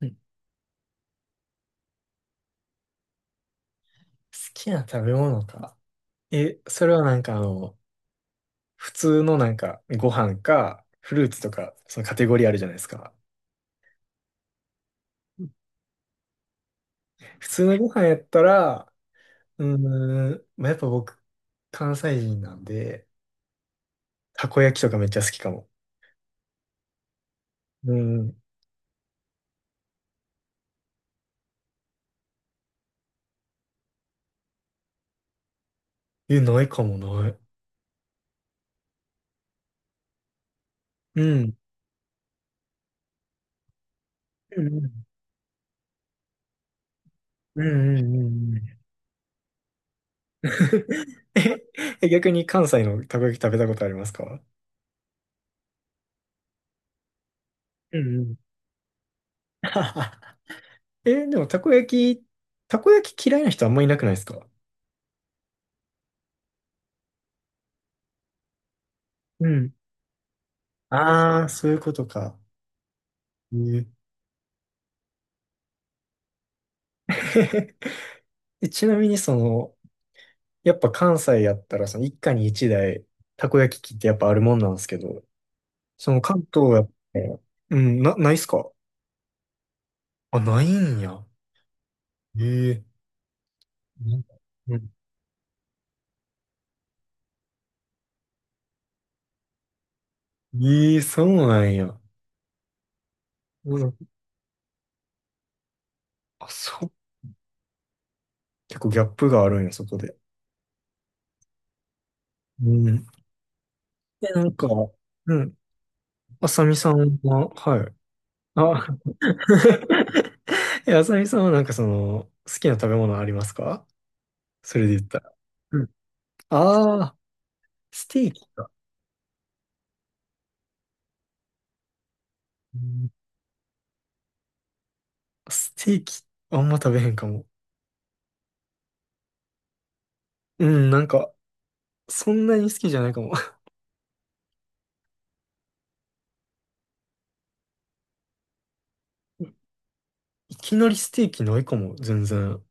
うん好きな食べ物か。それは普通のご飯か、フルーツとか、そのカテゴリーあるじゃないですか。普通のご飯やったら、うやっぱ僕、関西人なんで、たこ焼きとかめっちゃ好きかも。うん。ないかもない。うん。うんうんうんうんうんうん。え、逆に関西のたこ焼き食べたことありますか？うんうん。でもき、たこ焼き嫌いな人あんまいなくないですか？うん。ああ、そういうことか。ええ。 ちなみにその、やっぱ関西やったら、その一家に一台、たこ焼き器ってやっぱあるもんなんですけど、その関東やったら、うん、ないっすか？あ、ないんや。ええ、なんか、うん。ええそうなんや。うん。あ、そう。結構ギャップがあるんや、そこで。うん。で、なんか、うん。あさみさんは、はい。あ、あさみさんは好きな食べ物ありますか？それで言ったら。うん。ああ、ステーキか。うん。ステーキ、あんま食べへんかも。うん、なんか、そんなに好きじゃないかも。いきなりステーキないかも、全然。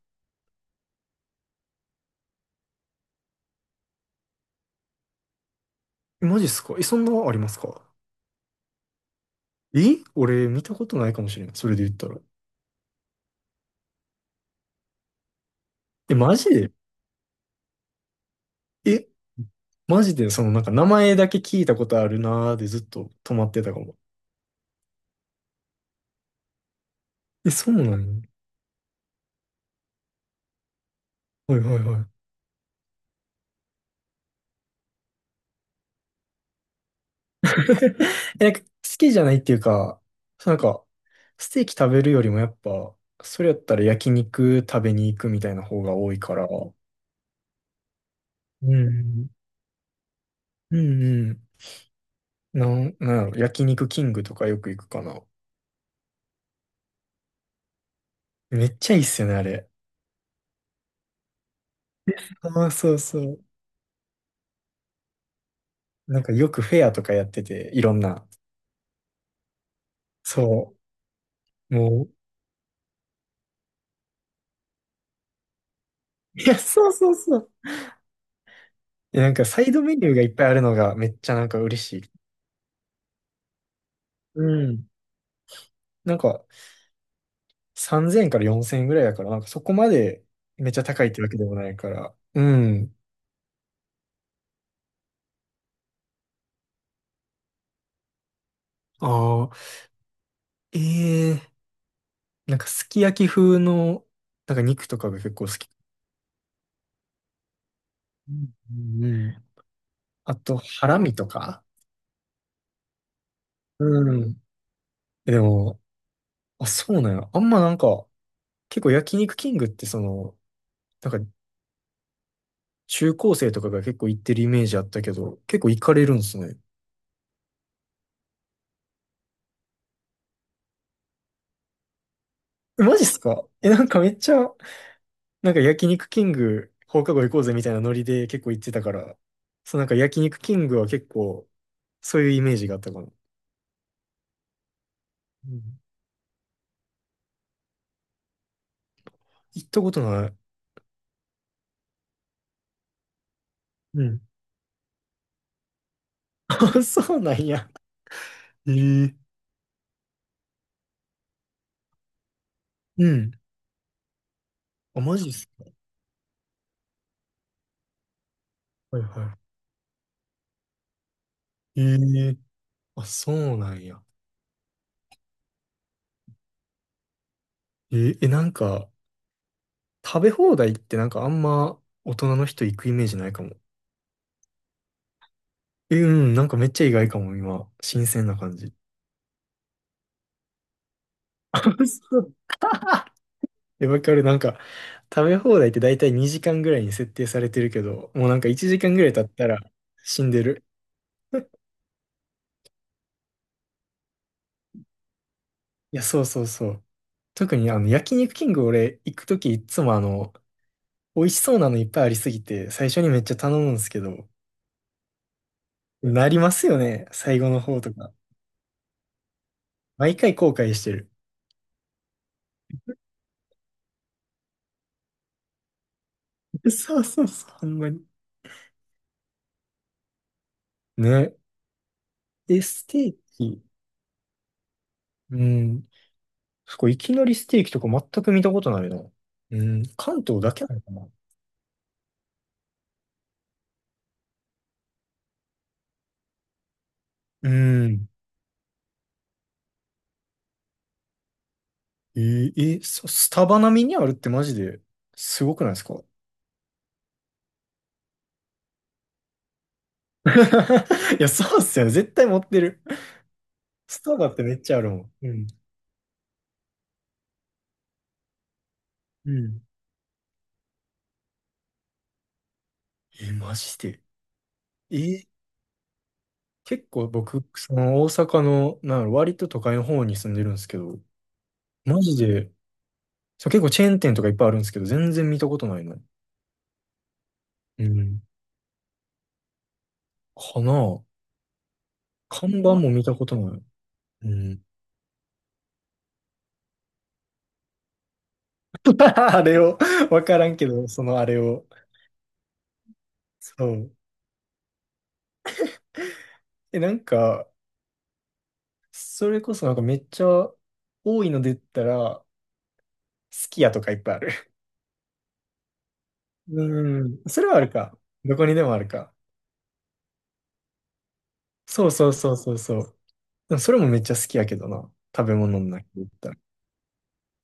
えマジっすか？そんなありますか？え俺、見たことないかもしれん。それで言ったら。え、マジで？え、マジで、名前だけ聞いたことあるなーでずっと止まってたかも。え、そうなの？はいはいはい。え、なんか好きじゃないっていうか、そうなんか、ステーキ食べるよりもやっぱ、それやったら焼肉食べに行くみたいな方が多いから、うんうんうん。なんやろ、焼肉キングとかよく行くかな。めっちゃいいっすよね、あれ。ああ、そうそう。なんかよくフェアとかやってて、いろんな。そう。もう。いや、そうそうそう。なんかサイドメニューがいっぱいあるのがめっちゃなんか嬉しい。うん。なんか3000から4000円ぐらいだから、なんかそこまでめっちゃ高いってわけでもないから。うん。ああ、ええ、なんかすき焼き風の、なんか肉とかが結構好き。うんうんうん。あと、ハラミとか。うん。でも、あ、そうなんや。結構焼肉キングってその、なんか中高生とかが結構行ってるイメージあったけど、結構行かれるんですね。えマジっすか？え、なんかめっちゃなんか焼肉キング放課後行こうぜみたいなノリで結構行ってたから、焼肉キングは結構そういうイメージがあったかな。うん、行ったことない。うん。あ、そうなんや。ええ。うん。あ、マジっすか。はいはい。ええ、あ、そうなんや。え、え、なんか、食べ放題ってなんかあんま大人の人行くイメージないかも。え、うん、なんかめっちゃ意外かも、今。新鮮な感じ。で、わかる。なんか、食べ放題って大体2時間ぐらいに設定されてるけど、もうなんか1時間ぐらい経ったら死んでる。いや、そうそうそう。特にあの、焼肉キング俺行くときいつもあの、美味しそうなのいっぱいありすぎて、最初にめっちゃ頼むんですけど、なりますよね。最後の方とか。毎回後悔してる。そうそうそう、ほんまに。ね。え、ステーキ。うん。そこいきなりステーキとか全く見たことないな。うん。関東だけなのかな。うん。えー、えーそスタバ並みにあるってマジですごくないですか？ いや、そうっすよね。絶対持ってる。スタバってめっちゃあるもん。うん。うん。えー、マジで。えー、結構僕、その大阪の、なんやろ割と都会の方に住んでるんですけど、マジで、そう、結構チェーン店とかいっぱいあるんですけど、全然見たことないの。うん。かな？あ、看板も見たことない。うん。あれを、わからんけど、そのあれを。そう。え、なんか、それこそなんかめっちゃ多いので言ったら、すき家とかいっぱいある。うん。それはあるか。どこにでもあるか。そうそうそうそうそう。でもそれもめっちゃ好きやけどな。食べ物の中で言ったら。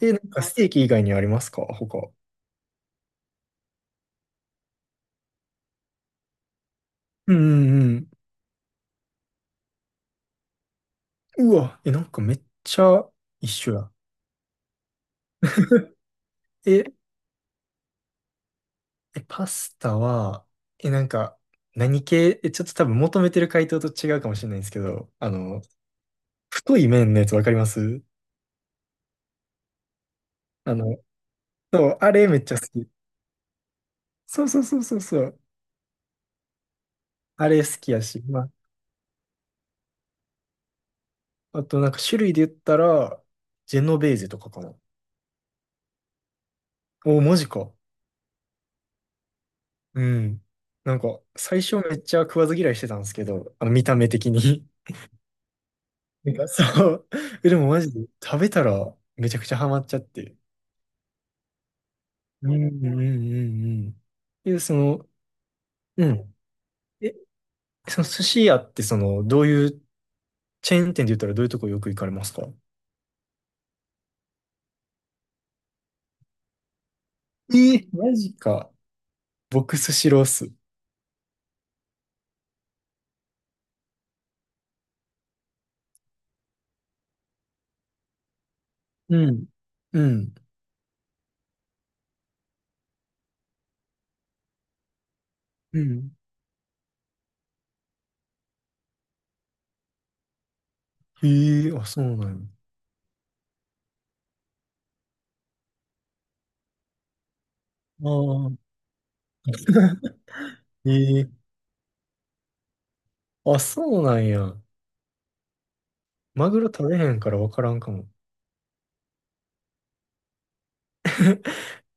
え、なんかステーキ以外にありますか他。うんうんうん。うわ、え、なんかめっちゃ一緒や。え、パスタは、え、なんか、何系、え、ちょっと多分求めてる回答と違うかもしれないんですけど、あの、太い麺のやつわかります？あの、そう、あれめっちゃ好き。そうそうそうそうそう。あれ好きやし。まあ、あとなんか種類で言ったら、ジェノベーゼとかかな。お、マジか。うん。なんか、最初めっちゃ食わず嫌いしてたんですけど、あの見た目的に。なんかそう。えでもマジで食べたらめちゃくちゃハマっちゃって。うんうんうんうん。え、その、うん。え、その寿司屋ってその、どういうチェーン店で言ったらどういうとこよく行かれますか？えーマジか。僕、スシローっす。うん。うん。うん。ええ、あ、そうなんや。ああ、ええ、あ、そうなんや。マグロ食べへんからわからんかも。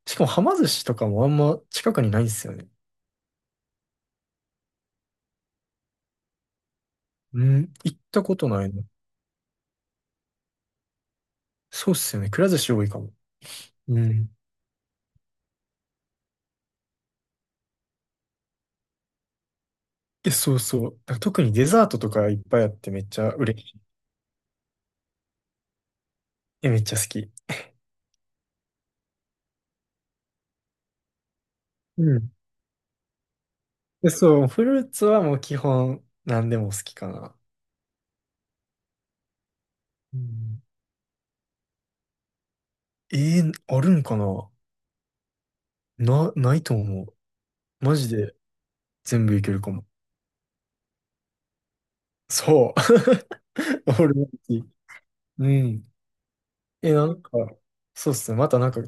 しかも、はま寿司とかもあんま近くにないんですよね。うん、行ったことないの。そうっすよね。くら寿司多いかも。うん。え、そうそう。だから特にデザートとかいっぱいあってめっちゃ嬉しい。え、めっちゃ好き。うん。で、そう、フルーツはもう基本何でも好きかな。うん。えー、あるんかな？ないと思う。マジで全部いけるかも。そう。オールマイティ。うん。え、なんか、そうっすね。またなんか、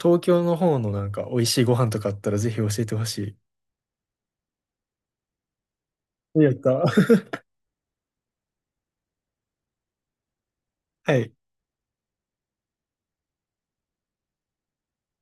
東京の方のなんか、美味しいご飯とかあったらぜひ教えてほしい。やった。はい。